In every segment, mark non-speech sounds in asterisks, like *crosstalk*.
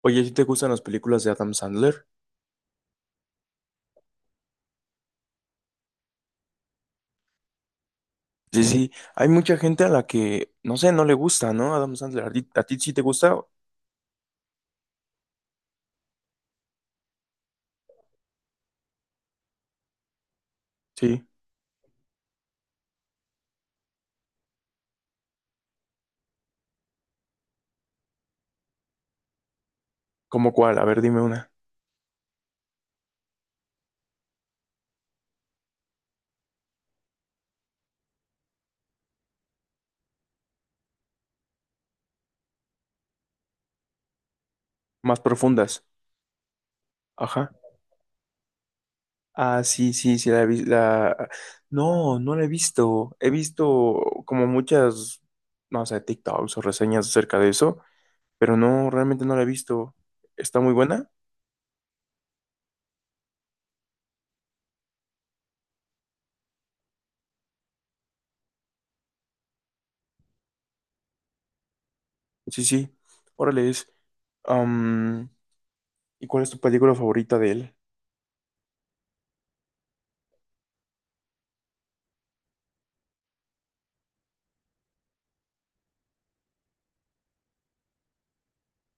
Oye, ¿si te gustan las películas de Adam Sandler? Sí, sí, hay mucha gente a la que, no sé, no le gusta, ¿no? Adam Sandler, ¿a ti sí te gusta? Sí, ¿cómo cuál? A ver, dime una. Más profundas. Ajá. Ah, sí, sí, sí, la he visto. La. No, no la he visto. He visto como muchas, no sé, TikToks o reseñas acerca de eso, pero no, realmente no la he visto. ¿Está muy buena? Sí, sí. Órale, es. am, ¿Y cuál es tu película favorita de él?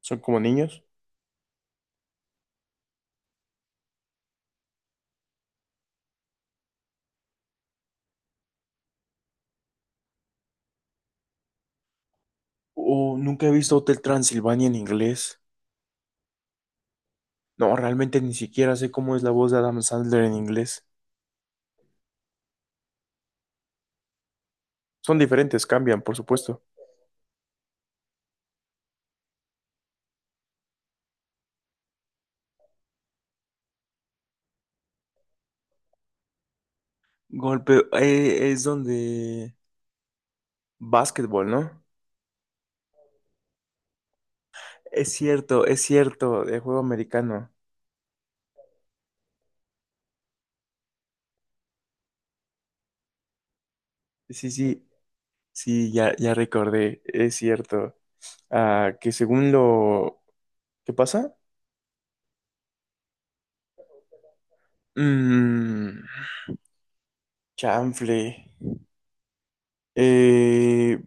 ¿Son como niños? Oh, nunca he visto Hotel Transilvania en inglés. No, realmente ni siquiera sé cómo es la voz de Adam Sandler en inglés. Son diferentes, cambian, por supuesto. Golpe, es donde. Básquetbol, ¿no? Es cierto, de juego americano. Sí, sí, sí, ya, ya recordé, es cierto. Ah, que según lo. ¿Qué pasa? Mmm, Chanfle. Eh,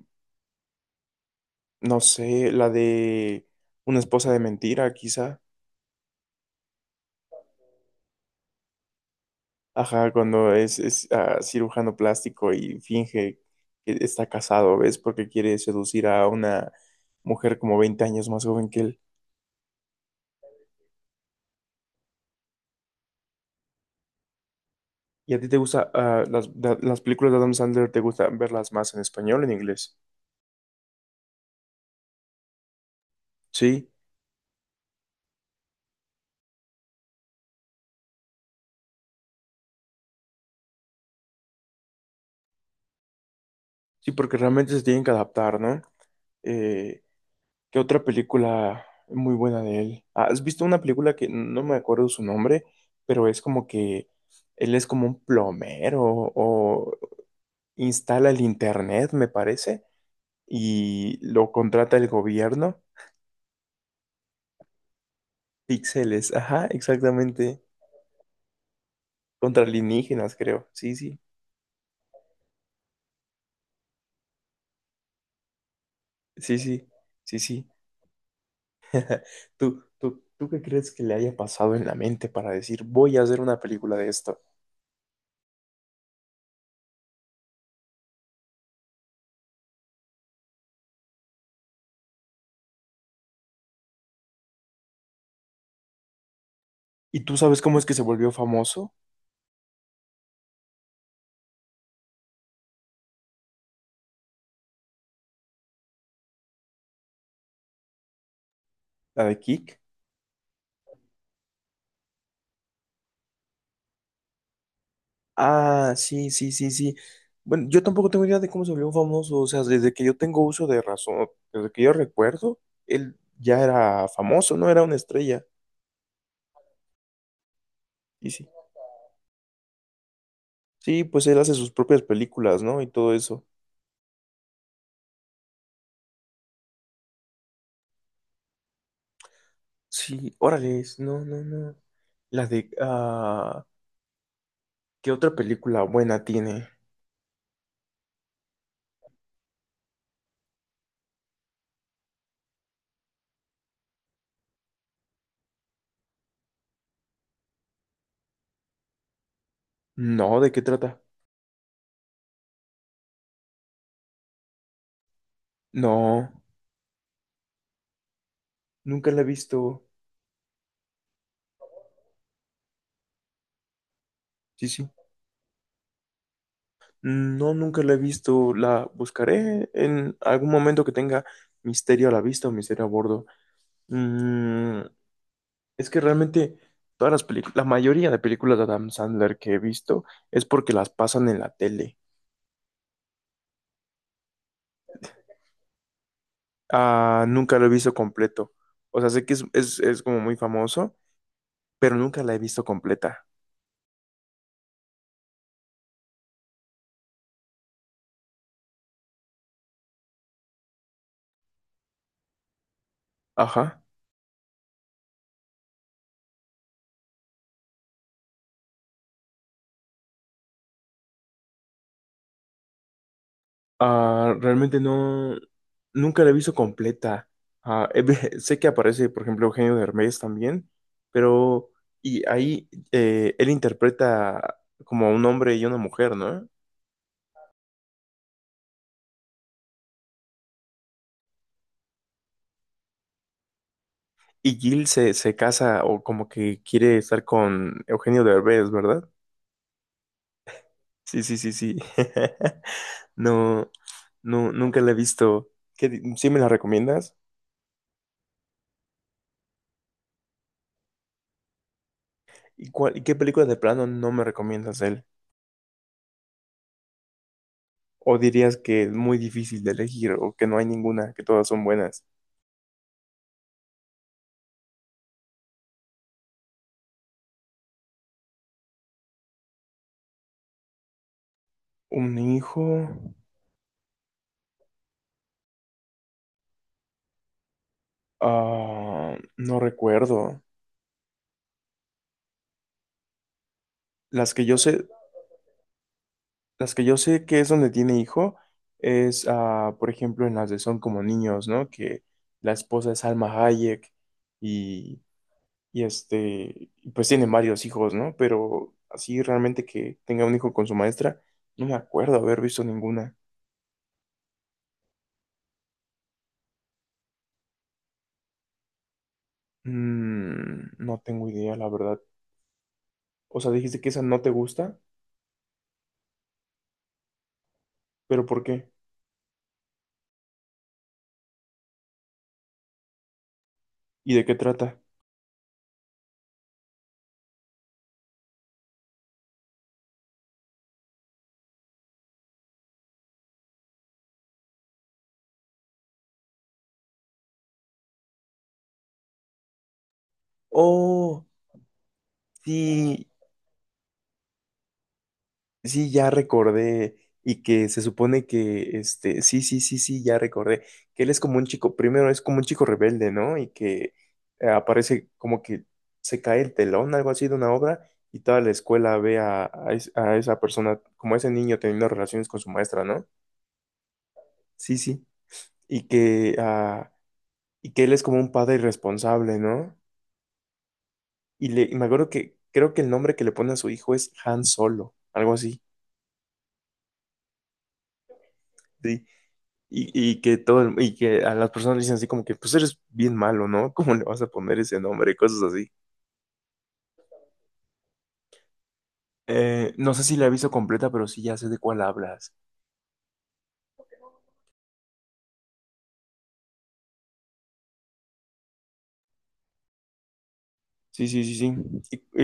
no sé, la de una esposa de mentira, quizá. Ajá, cuando es cirujano plástico y finge que está casado, ¿ves? Porque quiere seducir a una mujer como 20 años más joven que él. ¿Y a ti te gusta, las películas de Adam Sandler, te gusta verlas más en español o en inglés? Sí, sí, porque realmente se tienen que adaptar, ¿no? Eh, ¿Qué otra película muy buena de él? Ah, ¿has visto una película que no me acuerdo su nombre, pero es como que él es como un plomero o instala el internet, me parece? Y lo contrata el gobierno. Píxeles, ajá, exactamente. Contra alienígenas, creo. Sí, sí, sí, sí, sí, sí. ¿Tú qué crees que le haya pasado en la mente para decir, voy a hacer una película de esto? ¿Y tú sabes cómo es que se volvió famoso? ¿La de Kick? Ah, sí, sí, sí, sí. Bueno, yo tampoco tengo idea de cómo se volvió famoso. O sea, desde que yo tengo uso de razón, desde que yo recuerdo, él ya era famoso, no era una estrella. Sí, sí. Sí, pues él hace sus propias películas, ¿no? Y todo eso. Sí, órale, no, no, no. La de. ¿Qué otra película buena tiene? No, ¿de qué trata? No, nunca la he visto. Sí, sí. No, nunca la he visto. La buscaré en algún momento que tenga misterio a la vista o misterio a bordo. Mm, es que realmente todas las películas, la mayoría de películas de Adam Sandler que he visto es porque las pasan en la tele. Ah, nunca lo he visto completo. O sea, sé que es como muy famoso, pero nunca la he visto completa. Ajá. Ah, realmente no, nunca la he visto completa. Ah, *laughs* sé que aparece, por ejemplo, Eugenio Derbez también, pero y ahí él interpreta como a un hombre y una mujer, ¿no? Y Gil se casa o como que quiere estar con Eugenio Derbez, ¿verdad? Sí, sí, sí, sí. *laughs* No, no, nunca la he visto. ¿Sí me la recomiendas? ¿Y cuál, y qué película de plano no me recomiendas de él? ¿O dirías que es muy difícil de elegir o que no hay ninguna, que todas son buenas? Un hijo, no recuerdo. Las que yo sé, las que yo sé que es donde tiene hijo es, por ejemplo, en las de Son como niños, ¿no? Que la esposa es Alma Hayek y este, pues tiene varios hijos, ¿no? Pero así realmente que tenga un hijo con su maestra, no me acuerdo haber visto ninguna. Mm, no tengo idea, la verdad. O sea, dijiste que esa no te gusta, pero ¿por qué? ¿Y de qué trata? Oh, sí, sí, ya recordé. Y que se supone que, este, sí, sí, sí, sí, ya recordé. Que él es como un chico, primero es como un chico rebelde, ¿no? Y que aparece como que se cae el telón, algo así de una obra, y toda la escuela ve a esa persona, como a ese niño teniendo relaciones con su maestra, ¿no? Sí, sí. Y que, ah, y que él es como un padre irresponsable, ¿no? Y me acuerdo que creo que el nombre que le pone a su hijo es Han Solo, algo así. Sí. Y que y que a las personas le dicen así como que, pues eres bien malo, ¿no? *laughs* ¿Cómo le vas a poner ese nombre? Cosas así. No sé si la he visto completa, pero sí ya sé de cuál hablas. Sí, sí, sí, sí. Y,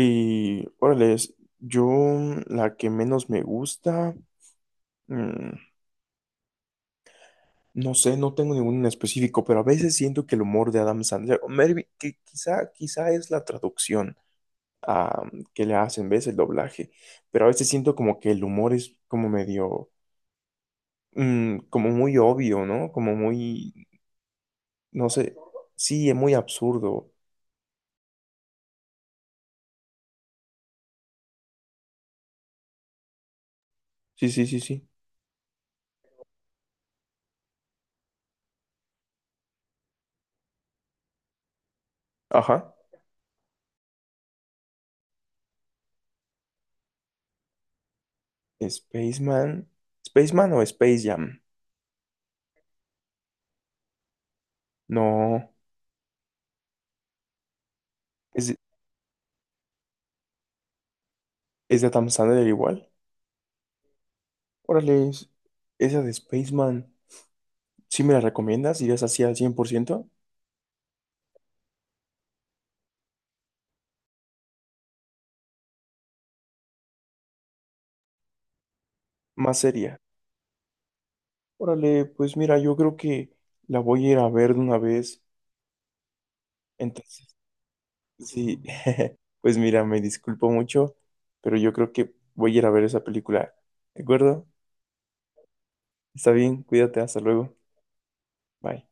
y órale, es- yo la que menos me gusta, mm, no sé, no tengo ninguno en específico, pero a veces siento que el humor de Adam Sandler, o que quizá, quizá es la traducción ah, que le hacen, ¿ves? El doblaje, pero a veces siento como que el humor es como medio como muy obvio, ¿no? Como muy, no sé, sí, es muy absurdo. Sí, sí, sí, sí. Ajá. Spaceman. ¿Spaceman o Space Jam? No. ¿Es, de- es de Adam Sandler igual? Órale, esa de Spaceman. ¿Sí me la recomiendas? ¿Irías así al 100%? Más seria. Órale, pues mira, yo creo que la voy a ir a ver de una vez. Entonces, sí. *laughs* Pues mira, me disculpo mucho, pero yo creo que voy a ir a ver esa película. ¿De acuerdo? Está bien, cuídate, hasta luego. Bye.